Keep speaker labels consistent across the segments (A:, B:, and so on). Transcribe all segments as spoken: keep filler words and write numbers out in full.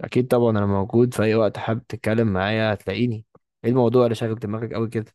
A: اكيد طبعا، انا موجود في اي وقت حابب تتكلم معايا هتلاقيني. ايه الموضوع اللي شاغل دماغك قوي كده؟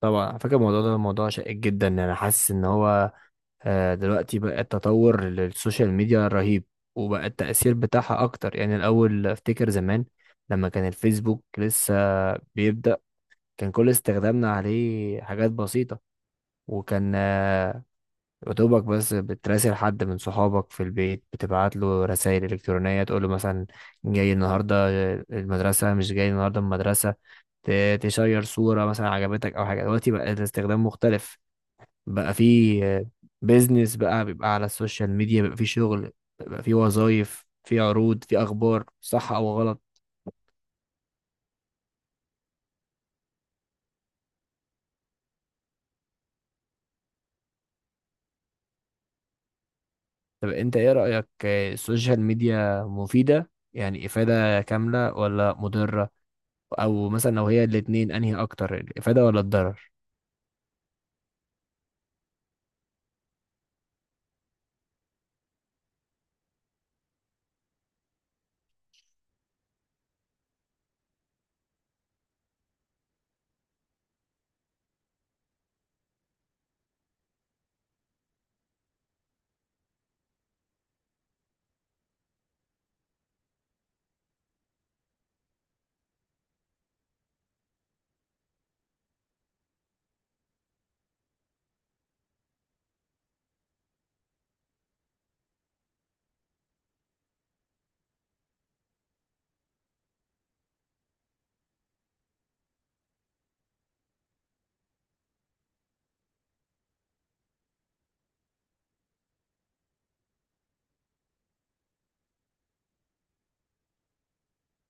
A: طبعا على فكره، الموضوع ده موضوع شائك جدا. انا حاسس ان هو آه، دلوقتي بقى التطور للسوشيال ميديا رهيب، وبقى التاثير بتاعها اكتر. يعني الاول افتكر زمان لما كان الفيسبوك لسه بيبدا، كان كل استخدامنا عليه حاجات بسيطه. وكان آه، يا دوبك بس بتراسل حد من صحابك في البيت، بتبعت له رسائل إلكترونية تقول له مثلا جاي النهاردة المدرسة، مش جاي النهاردة المدرسة، ت- تشير صورة مثلا عجبتك أو حاجة. دلوقتي بقى الاستخدام مختلف، بقى في بيزنس، بقى بيبقى على السوشيال ميديا، بيبقى في شغل، بيبقى في وظايف، في عروض، في أخبار صح أو غلط. طب أنت إيه رأيك؟ آه، السوشيال ميديا مفيدة يعني إفادة كاملة ولا مضرة؟ أو مثلا لو هي الاتنين، أنهي أكتر، الإفادة ولا الضرر؟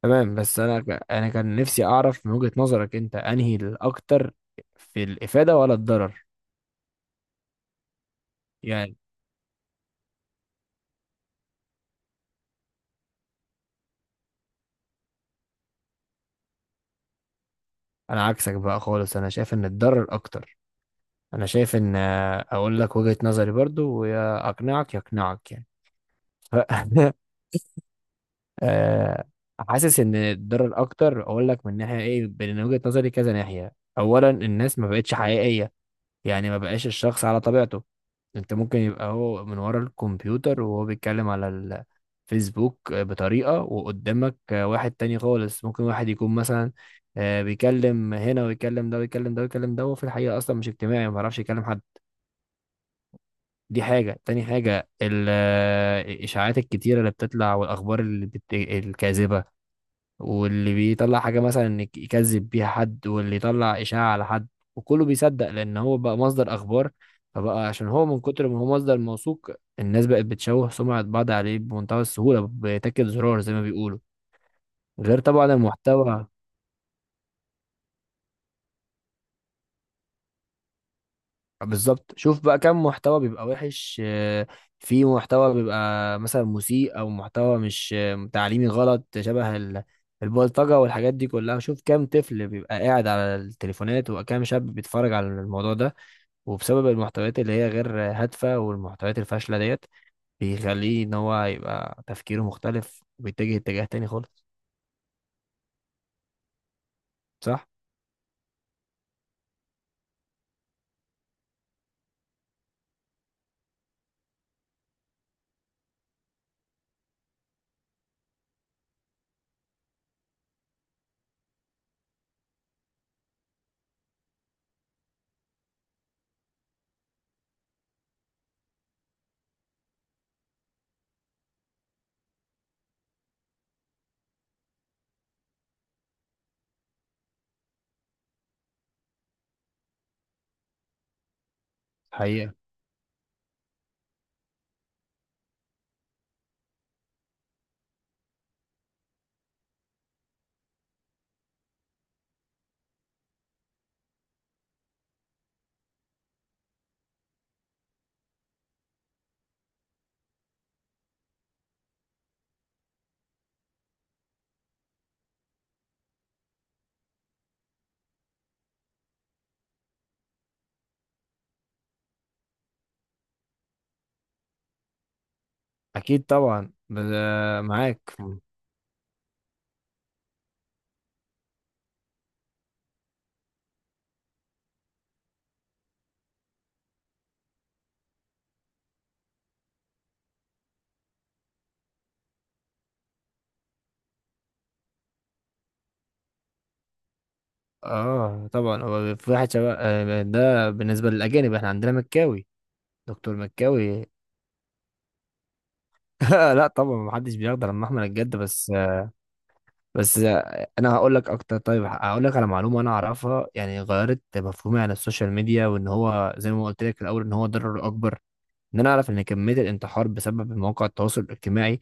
A: تمام، بس انا ك- انا كان نفسي اعرف من وجهة نظرك انت انهي الاكتر في الافادة ولا الضرر، يعني. انا عكسك بقى خالص، انا شايف ان الضرر اكتر. انا شايف ان آه، اقول لك وجهة نظري برضو، ويا اقنعك يقنعك يعني. ف- آه، حاسس ان الضرر اكتر. اقول لك من ناحية ايه، من وجهة نظري كذا ناحية. اولا، الناس ما بقتش حقيقية، يعني ما بقاش الشخص على طبيعته. انت ممكن يبقى هو من ورا الكمبيوتر وهو بيتكلم على الفيسبوك بطريقة، وقدامك واحد تاني خالص. ممكن واحد يكون مثلا آه، بيكلم هنا ويكلم ده ويكلم ده ويكلم ده، وفي الحقيقة أصلا مش اجتماعي، ما بيعرفش يكلم حد. دي حاجة، تاني حاجة ال- آه، الإشاعات الكتيرة اللي بتطلع، والأخبار اللي بت... الكاذبة، واللي بيطلع حاجة مثلا انك يكذب بيها حد، واللي يطلع إشاعة على حد، وكله بيصدق لأن هو بقى مصدر أخبار. فبقى عشان هو من كتر ما هو مصدر موثوق، الناس بقت بتشوه سمعة بعض عليه بمنتهى السهولة، بتاكد زرار زي ما بيقولوا. غير طبعا المحتوى. بالظبط، شوف بقى كم محتوى بيبقى وحش، آه، في محتوى بيبقى مثلا مسيء، أو محتوى مش آه، تعليمي، غلط، شبه ال- البلطجة والحاجات دي كلها. شوف كام طفل بيبقى قاعد على التليفونات، وكام شاب بيتفرج على الموضوع ده. وبسبب المحتويات اللي هي غير هادفة والمحتويات الفاشلة ديت، بيخليه ان هو يبقى تفكيره مختلف، وبيتجه اتجاه تاني خالص. صح؟ حقيقة. اكيد طبعا، بل- معاك. اه طبعا، هو في واحد شباب، آه، ده بالنسبة للأجانب، احنا عندنا مكاوي، دكتور مكاوي. لا طبعا محدش بيقدر، لما احمد الجد بس. بس انا هقول لك اكتر. طيب هقول لك على معلومه انا اعرفها، يعني غيرت مفهومي عن السوشيال ميديا، وان هو زي ما قلت لك في الاول ان هو ضرر اكبر. ان انا اعرف ان كميه الانتحار بسبب مواقع التواصل الاجتماعي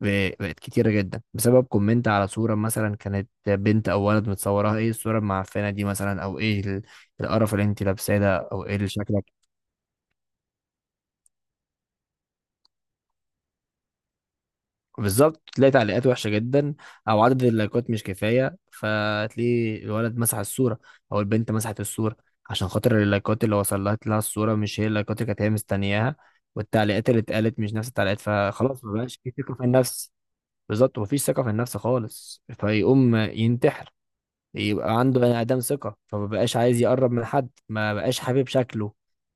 A: ب- بقت كتيره جدا، بسبب كومنت على صوره مثلا كانت بنت او ولد متصورها، ايه الصوره المعفنه دي مثلا، او ايه ال- القرف اللي انت لابساه ده، او ايه اللي شكلك. بالظبط، تلاقي تعليقات وحشه جدا، او عدد اللايكات مش كفايه، فتلاقي الولد مسح الصوره او البنت مسحت الصوره، عشان خاطر اللايكات اللي وصلت لها الصوره مش هي اللايكات اللي كانت هي مستنياها، والتعليقات اللي اتقالت مش نفس التعليقات، فخلاص ما بقاش في ثقه في النفس. بالظبط، مفيش ثقة في النفس خالص، فيقوم ينتحر. يبقى عنده بني آدم ثقة، فما بقاش عايز يقرب من حد، ما بقاش حابب شكله،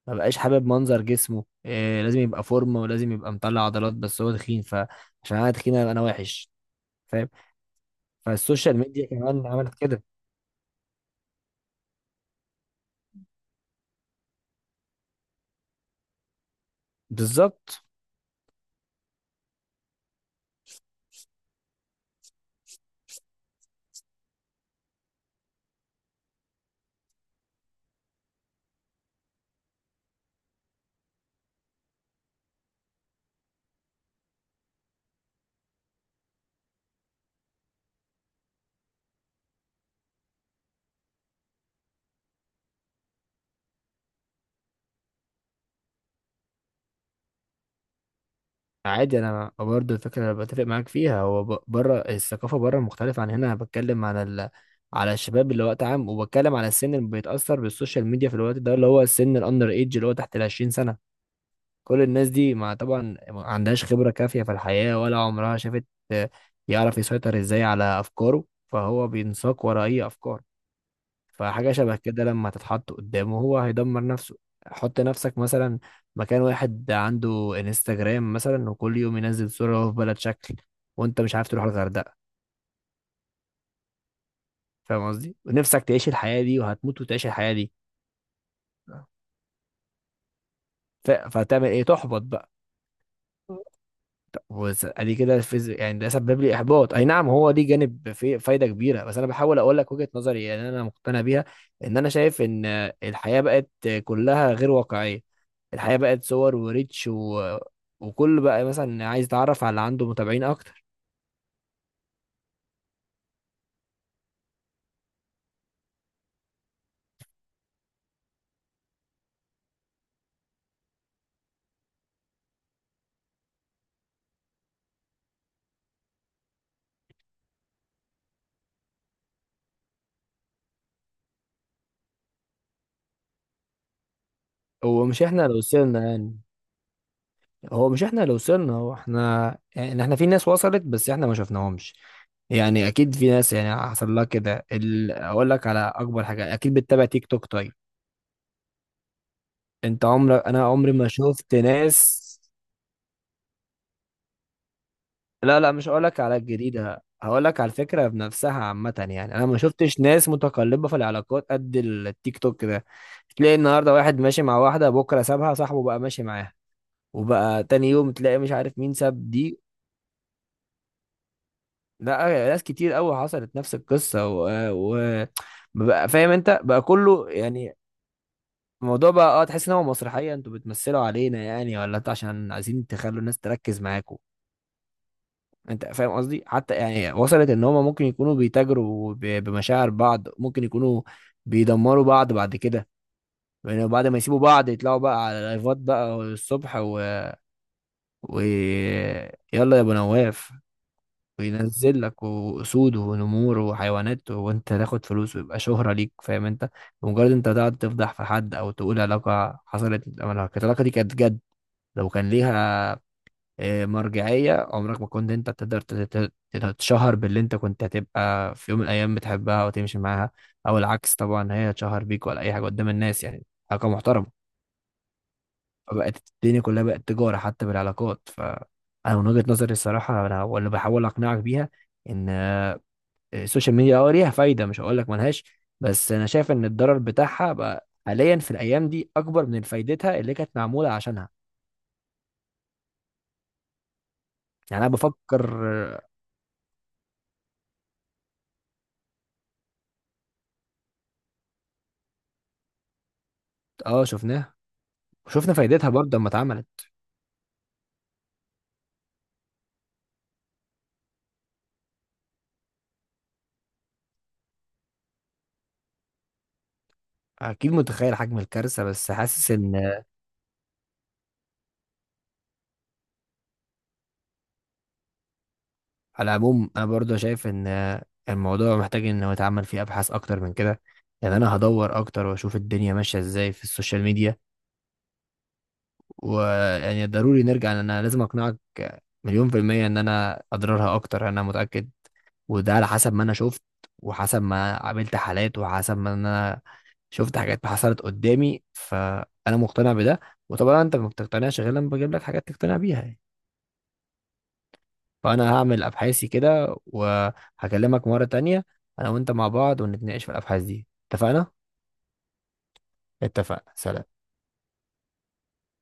A: ما بقاش حابب منظر جسمه. إيه، لازم يبقى فورمة ولازم يبقى مطلع عضلات، بس هو تخين، فعشان انا تخين أبقى انا وحش. فاهم؟ فالسوشيال ميديا كمان عملت كده. بالظبط. عادي، انا برضه الفكره اللي بتفق معاك فيها هو ب- بره الثقافه، بره مختلفه عن هنا. انا بتكلم على ال... على الشباب اللي وقت عام، وبتكلم على السن اللي بيتاثر بالسوشيال ميديا في الوقت ده، اللي هو السن الاندر ايج، اللي هو تحت ال عشرين سنه. كل الناس دي ما طبعا ما عندهاش خبره كافيه في الحياه، ولا عمرها شافت آه، يعرف يسيطر ازاي على افكاره، فهو بينساق ورا اي افكار. فحاجة شبه كده لما تتحط قدامه، هو هيدمر نفسه. حط نفسك مثلا مكان واحد عنده انستجرام مثلا، وكل يوم ينزل صورة وهو في بلد شكل، وانت مش عارف تروح الغردقة. فاهم قصدي؟ ونفسك تعيش الحياة دي، وهتموت وتعيش الحياة دي. ف- فهتعمل ايه؟ تحبط بقى. وز- ادي كده، فيز- يعني ده سبب لي احباط. اي نعم، هو دي جانب في فايده كبيره، بس انا بحاول اقول لك وجهه نظري، يعني انا مقتنع بيها ان انا شايف ان الحياه بقت كلها غير واقعيه. الحياة بقت صور وريتش و... وكل بقى مثلا عايز يتعرف على اللي عنده متابعين اكتر. هو مش احنا اللي وصلنا يعني. هو مش احنا اللي وصلنا، هو احنا يعني، احنا في ناس وصلت بس احنا ما شفناهمش. يعني اكيد في ناس يعني حصل لها كده ال... اقول لك على اكبر حاجة. اكيد بتتابع تيك توك؟ طيب. انت عمرك، انا عمري ما شفت ناس. لا لا، مش هقولك على الجديدة، هقولك على الفكرة بنفسها عامة. يعني أنا ما شفتش ناس متقلبة في العلاقات قد التيك توك ده. تلاقي النهاردة واحد ماشي مع واحدة، بكرة سابها صاحبه بقى ماشي معاها، وبقى تاني يوم تلاقي مش عارف مين ساب دي. لا، ناس كتير قوي حصلت نفس القصة و, و... بقى فاهم أنت بقى، كله يعني. الموضوع بقى، اه، تحس إن هو مسرحية، أنتوا بتمثلوا علينا يعني، ولا أنتوا عشان عايزين تخلوا الناس تركز معاكم. انت فاهم قصدي، حتى يعني وصلت ان هما ممكن يكونوا بيتاجروا ب- بمشاعر بعض، ممكن يكونوا بيدمروا بعض بعد كده. يعني بعد ما يسيبوا بعض يطلعوا بقى على لايفات بقى الصبح و... و... يلا يا ابو نواف، وينزل لك واسود ونمور وحيوانات، وانت تاخد فلوس ويبقى شهرة ليك. فاهم انت؟ بمجرد انت تقعد تفضح في حد، او تقول علاقة حصلت، العلاقة العلاقة دي كانت جد، لو كان ليها آه، مرجعية، عمرك ما كنت انت تقدر تت- تت- تتشهر باللي انت كنت هتبقى في يوم من الايام بتحبها وتمشي معاها، او العكس طبعا هي تشهر بيك، ولا اي حاجة قدام الناس، يعني حاجة محترمة. فبقت الدنيا كلها بقت تجارة حتى بالعلاقات. فانا من وجهة نظري الصراحة، انا واللي بحاول اقنعك بيها ان آه، السوشيال ميديا اه ليها فايدة، مش هقول لك ملهاش، بس انا شايف ان الضرر بتاعها بقى حاليا في الايام دي اكبر من فايدتها اللي كانت معمولة عشانها. يعني انا بفكر. اه آه، شفناها، وشفنا فايدتها برضه لما اتعملت. اكيد متخيل حجم الكارثه، بس حاسس ان على العموم انا برضه شايف ان الموضوع محتاج انه يتعمل فيه ابحاث اكتر من كده. يعني انا هدور اكتر واشوف الدنيا ماشيه ازاي في السوشيال ميديا. ويعني ضروري نرجع، لأن انا لازم اقنعك مليون في المية ان انا اضرارها اكتر، انا متأكد. وده على حسب ما انا شفت، وحسب ما قابلت حالات، وحسب ما انا شفت حاجات حصلت قدامي، فانا مقتنع بده. وطبعا انت ما بتقتنعش غير لما بجيب لك حاجات تقتنع بيها يعني. فانا هعمل ابحاثي كده، وهكلمك مرة تانية انا وانت مع بعض، ونتناقش في الابحاث دي. اتفقنا؟ اتفقنا. سلام.